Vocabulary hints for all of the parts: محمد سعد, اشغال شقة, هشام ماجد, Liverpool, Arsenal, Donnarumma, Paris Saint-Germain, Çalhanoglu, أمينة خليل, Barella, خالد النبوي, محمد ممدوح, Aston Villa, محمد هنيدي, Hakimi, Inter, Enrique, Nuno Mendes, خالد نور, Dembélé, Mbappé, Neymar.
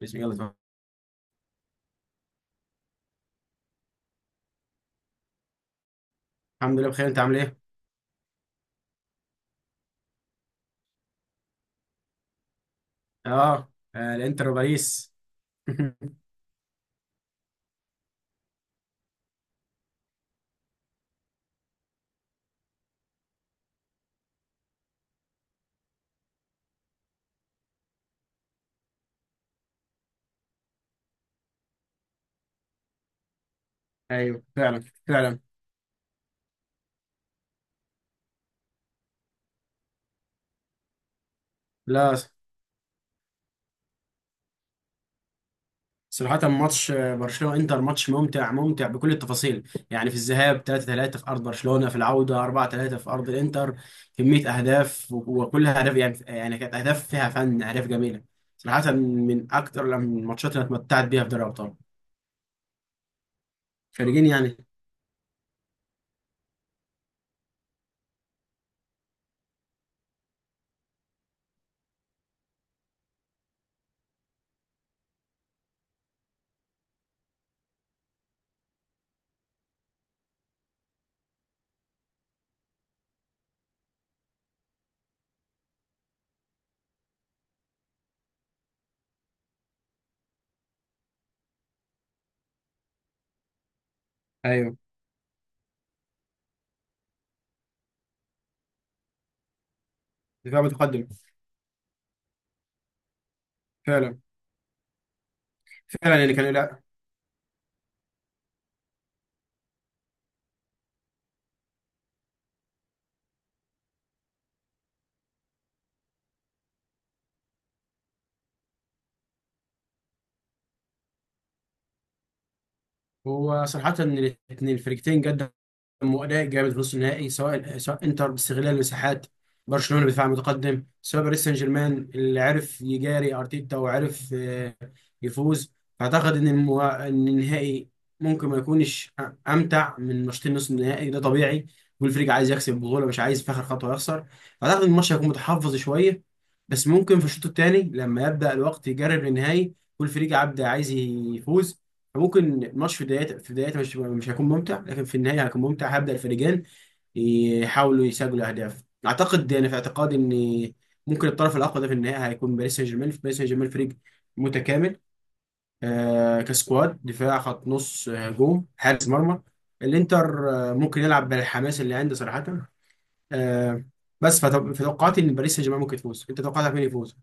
بسم الله طبعا. الحمد لله بخير، انت عامل ايه؟ اه، آه الانتر وباريس. ايوه فعلا فعلا. لا، صراحة ماتش برشلونة انتر. ماتش ممتع ممتع بكل التفاصيل، يعني في الذهاب 3-3 في ارض برشلونة، في العودة 4-3 في ارض الانتر. كمية اهداف وكلها اهداف، يعني كانت اهداف فيها فن، اهداف جميلة. صراحة من اكتر الماتشات اللي أنا اتمتعت بيها في دوري الابطال. خارجين يعني. ايوه، دفاع متقدم، فعلا. فعلا يعني كان. لا، هو صراحة الاثنين الفريقين جد، واداء جامد في نص النهائي، سواء انتر باستغلال المساحات، برشلونه بدفاع متقدم، سواء باريس سان جيرمان اللي عرف يجاري ارتيتا وعرف يفوز. فاعتقد ان ان النهائي ممكن ما يكونش امتع من ماتشين نص النهائي، ده طبيعي. كل فريق عايز يكسب البطوله، مش عايز في اخر خطوه يخسر. فاعتقد ان الماتش هيكون متحفظ شويه، بس ممكن في الشوط الثاني لما يبدا الوقت يجرب للنهائي كل فريق عبد عايز يفوز. ممكن الماتش في بدايته في بدايته مش هيكون ممتع، لكن في النهايه هيكون ممتع. هيبدا الفريقين يحاولوا يسجلوا اهداف. اعتقد انا في اعتقادي ان ممكن الطرف الاقوى ده في النهايه هيكون باريس سان جيرمان. في باريس سان جيرمان فريق متكامل، كسكواد، دفاع، خط نص، هجوم، حارس مرمى. الانتر ممكن يلعب بالحماس اللي عنده صراحه. آه بس فتوقعت ان باريس سان جيرمان ممكن يفوز. انت توقعتك مين يفوز؟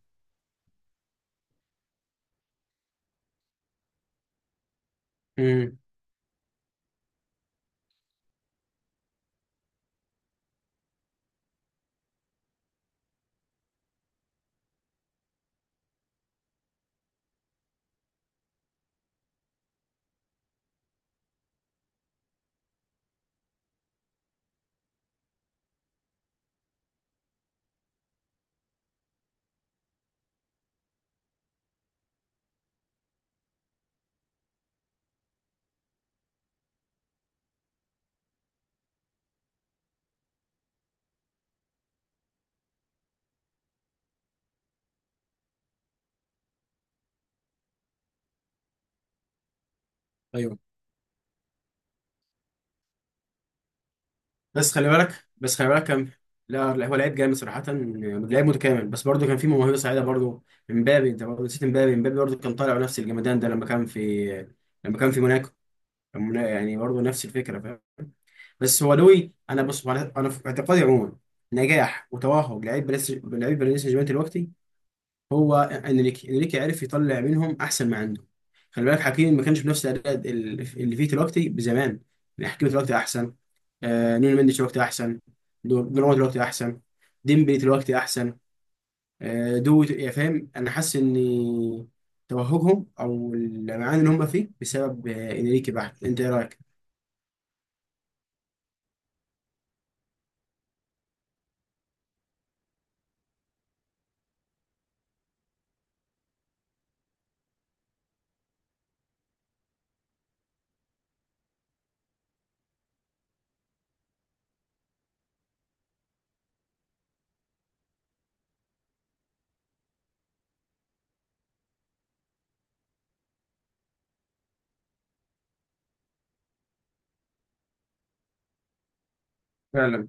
امم. ايوه. بس خلي بالك كان. لا لا، هو لعيب جامد صراحة، لعيب متكامل، بس برضه كان في موهبة سعيدة برضه. امبابي، انت برضه نسيت امبابي. امبابي برضه كان طالع نفس الجمدان ده لما كان في موناكو. يعني برضه نفس الفكرة، فاهم؟ بس هو لوي، انا في اعتقادي عموما، نجاح وتوهج لعيب باريس، لعيب باريس سان جيرمان دلوقتي هو انريكي. انريكي عرف يطلع منهم احسن ما عنده. خلي بالك حكيمي ما كانش بنفس الاداء اللي فيه دلوقتي، بزمان. يعني حكيمي دلوقتي احسن، نونو مندش دلوقتي احسن، دوناروما دلوقتي احسن، ديمبلي دلوقتي احسن. دو، يا فاهم، انا حاسس ان توهجهم او المعاني اللي هم فيه بسبب انريكي بحت. انت ايه رايك؟ فعلا.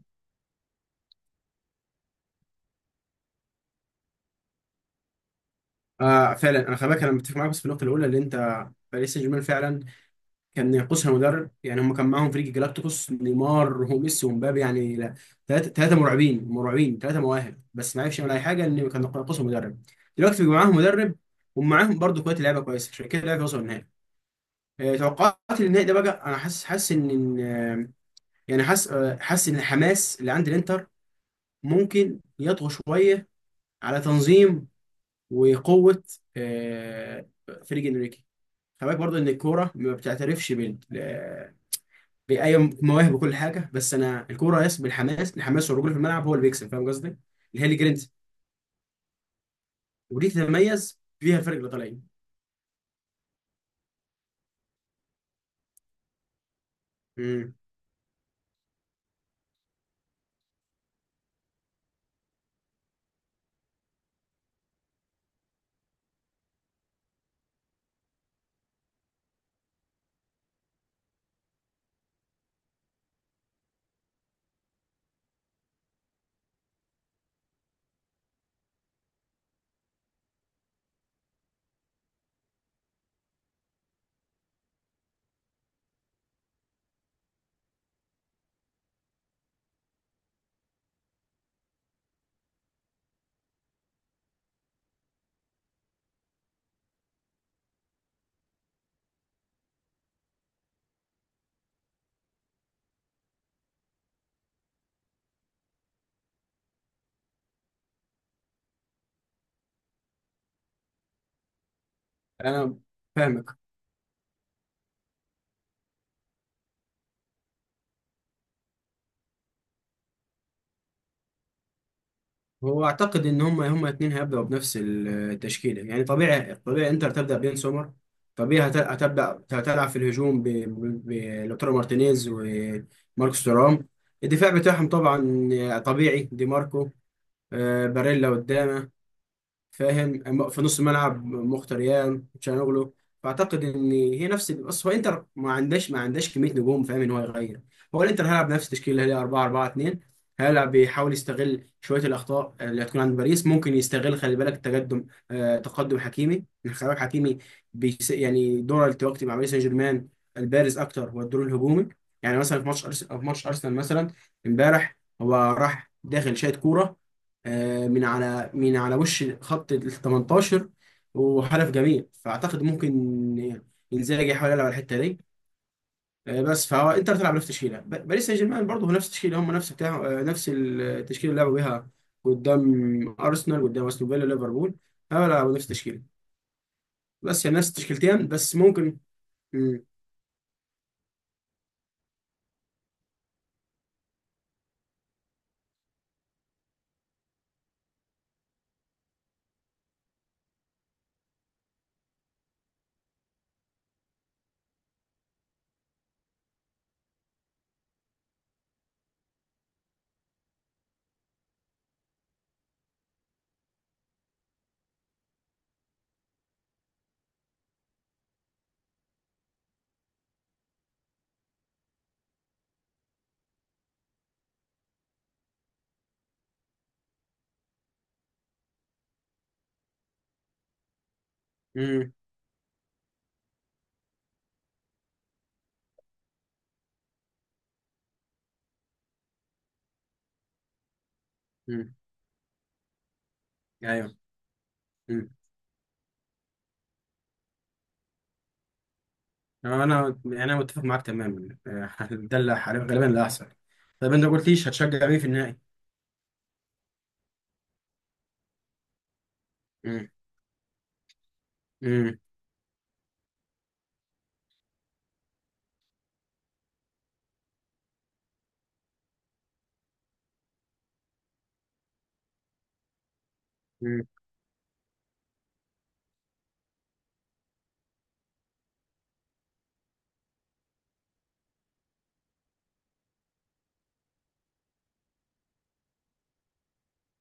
آه فعلا، انا خلي بالك انا متفق معاك، بس في النقطه الاولى اللي انت، باريس سان جيرمان فعلا كان ينقصها مدرب. يعني هم كان معاهم فريق جلاكتيكوس، نيمار وميسي ومبابي، يعني لا، ثلاثة مرعبين، ثلاثة مواهب، بس ما عرفش يعمل أي حاجة، إن كان ينقصهم مدرب. دلوقتي بيبقى معاهم مدرب، ومعاهم برضه كوية لعيبة كويسة، عشان كده لعيبة وصلوا النهائي. توقعاتي للنهائي ده بقى، أنا حاسس، حاسس إن حاسس إن الحماس اللي عند الإنتر ممكن يطغى شوية على تنظيم وقوة آه، فريق إنريكي. خلي بالك برضه إن الكورة ما بتعترفش ايوه، مواهب وكل حاجه، بس انا الكوره يس بالحماس، الحماس والرجوله في الملعب هو اللي بيكسب. فاهم قصدي؟ اللي هي اللي جرينتا، ودي تتميز فيها الفرق الايطاليين. امم. انا فاهمك. هو اعتقد ان هم الاثنين هيبداوا بنفس التشكيله، يعني طبيعي. طبيعي انتر تبدا بين سومر، طبيعي هتبدا، هتلعب في الهجوم بلوتارو مارتينيز وماركوس تورام. الدفاع بتاعهم طبعا طبيعي، دي ماركو، باريلا قدامه، فاهم، في نص الملعب مختريان تشانوغلو. فاعتقد ان هي نفس، بس هو انتر ما عندهاش ما عندهاش كميه نجوم، فاهم، ان هو يغير. هو الانتر هيلعب نفس التشكيله اللي هي 4 4 2، هيلعب بيحاول يستغل شويه الاخطاء اللي هتكون عند باريس، ممكن يستغل. خلي بالك تقدم، تقدم حكيمي. يعني خلي بالك حكيمي بيس، يعني دوره التوقيت مع باريس سان جيرمان البارز اكتر هو الدور الهجومي. يعني مثلا في ماتش ارسنال مثلا، امبارح، هو راح داخل شايط كوره من على وش خط ال 18، وهدف جميل. فاعتقد ممكن انزاجي يحاول يلعب على الحته دي. بس فهو انتر تلعب نفس التشكيله، باريس سان جيرمان برضه هو نفس التشكيله، هم نفس بتاع نفس التشكيله اللي لعبوا بيها قدام ارسنال، قدام استون فيلا، ليفربول. هو لعبوا نفس التشكيله، بس يعني نفس التشكيلتين، بس ممكن. مم. مم. مم. ايوه. مم. انا يعني انا متفق معاك تماما، ده اللي غالبا اللي هيحصل. طب انت ما قلتليش هتشجع مين في النهائي؟ مم. مم.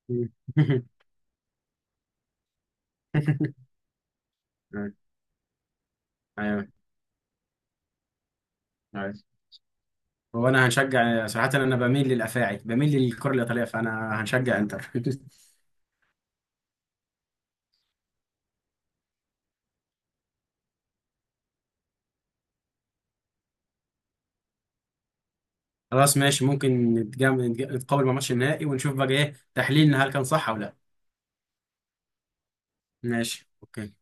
مم. ايوه. ايوه، هو انا هنشجع صراحه، انا بميل للافاعي، بميل للكره الايطاليه، فانا هنشجع انتر. خلاص ماشي، ممكن نتقابل مع ماتش النهائي ونشوف بقى ايه تحليلنا، هل كان صح او لا. ماشي اوكي.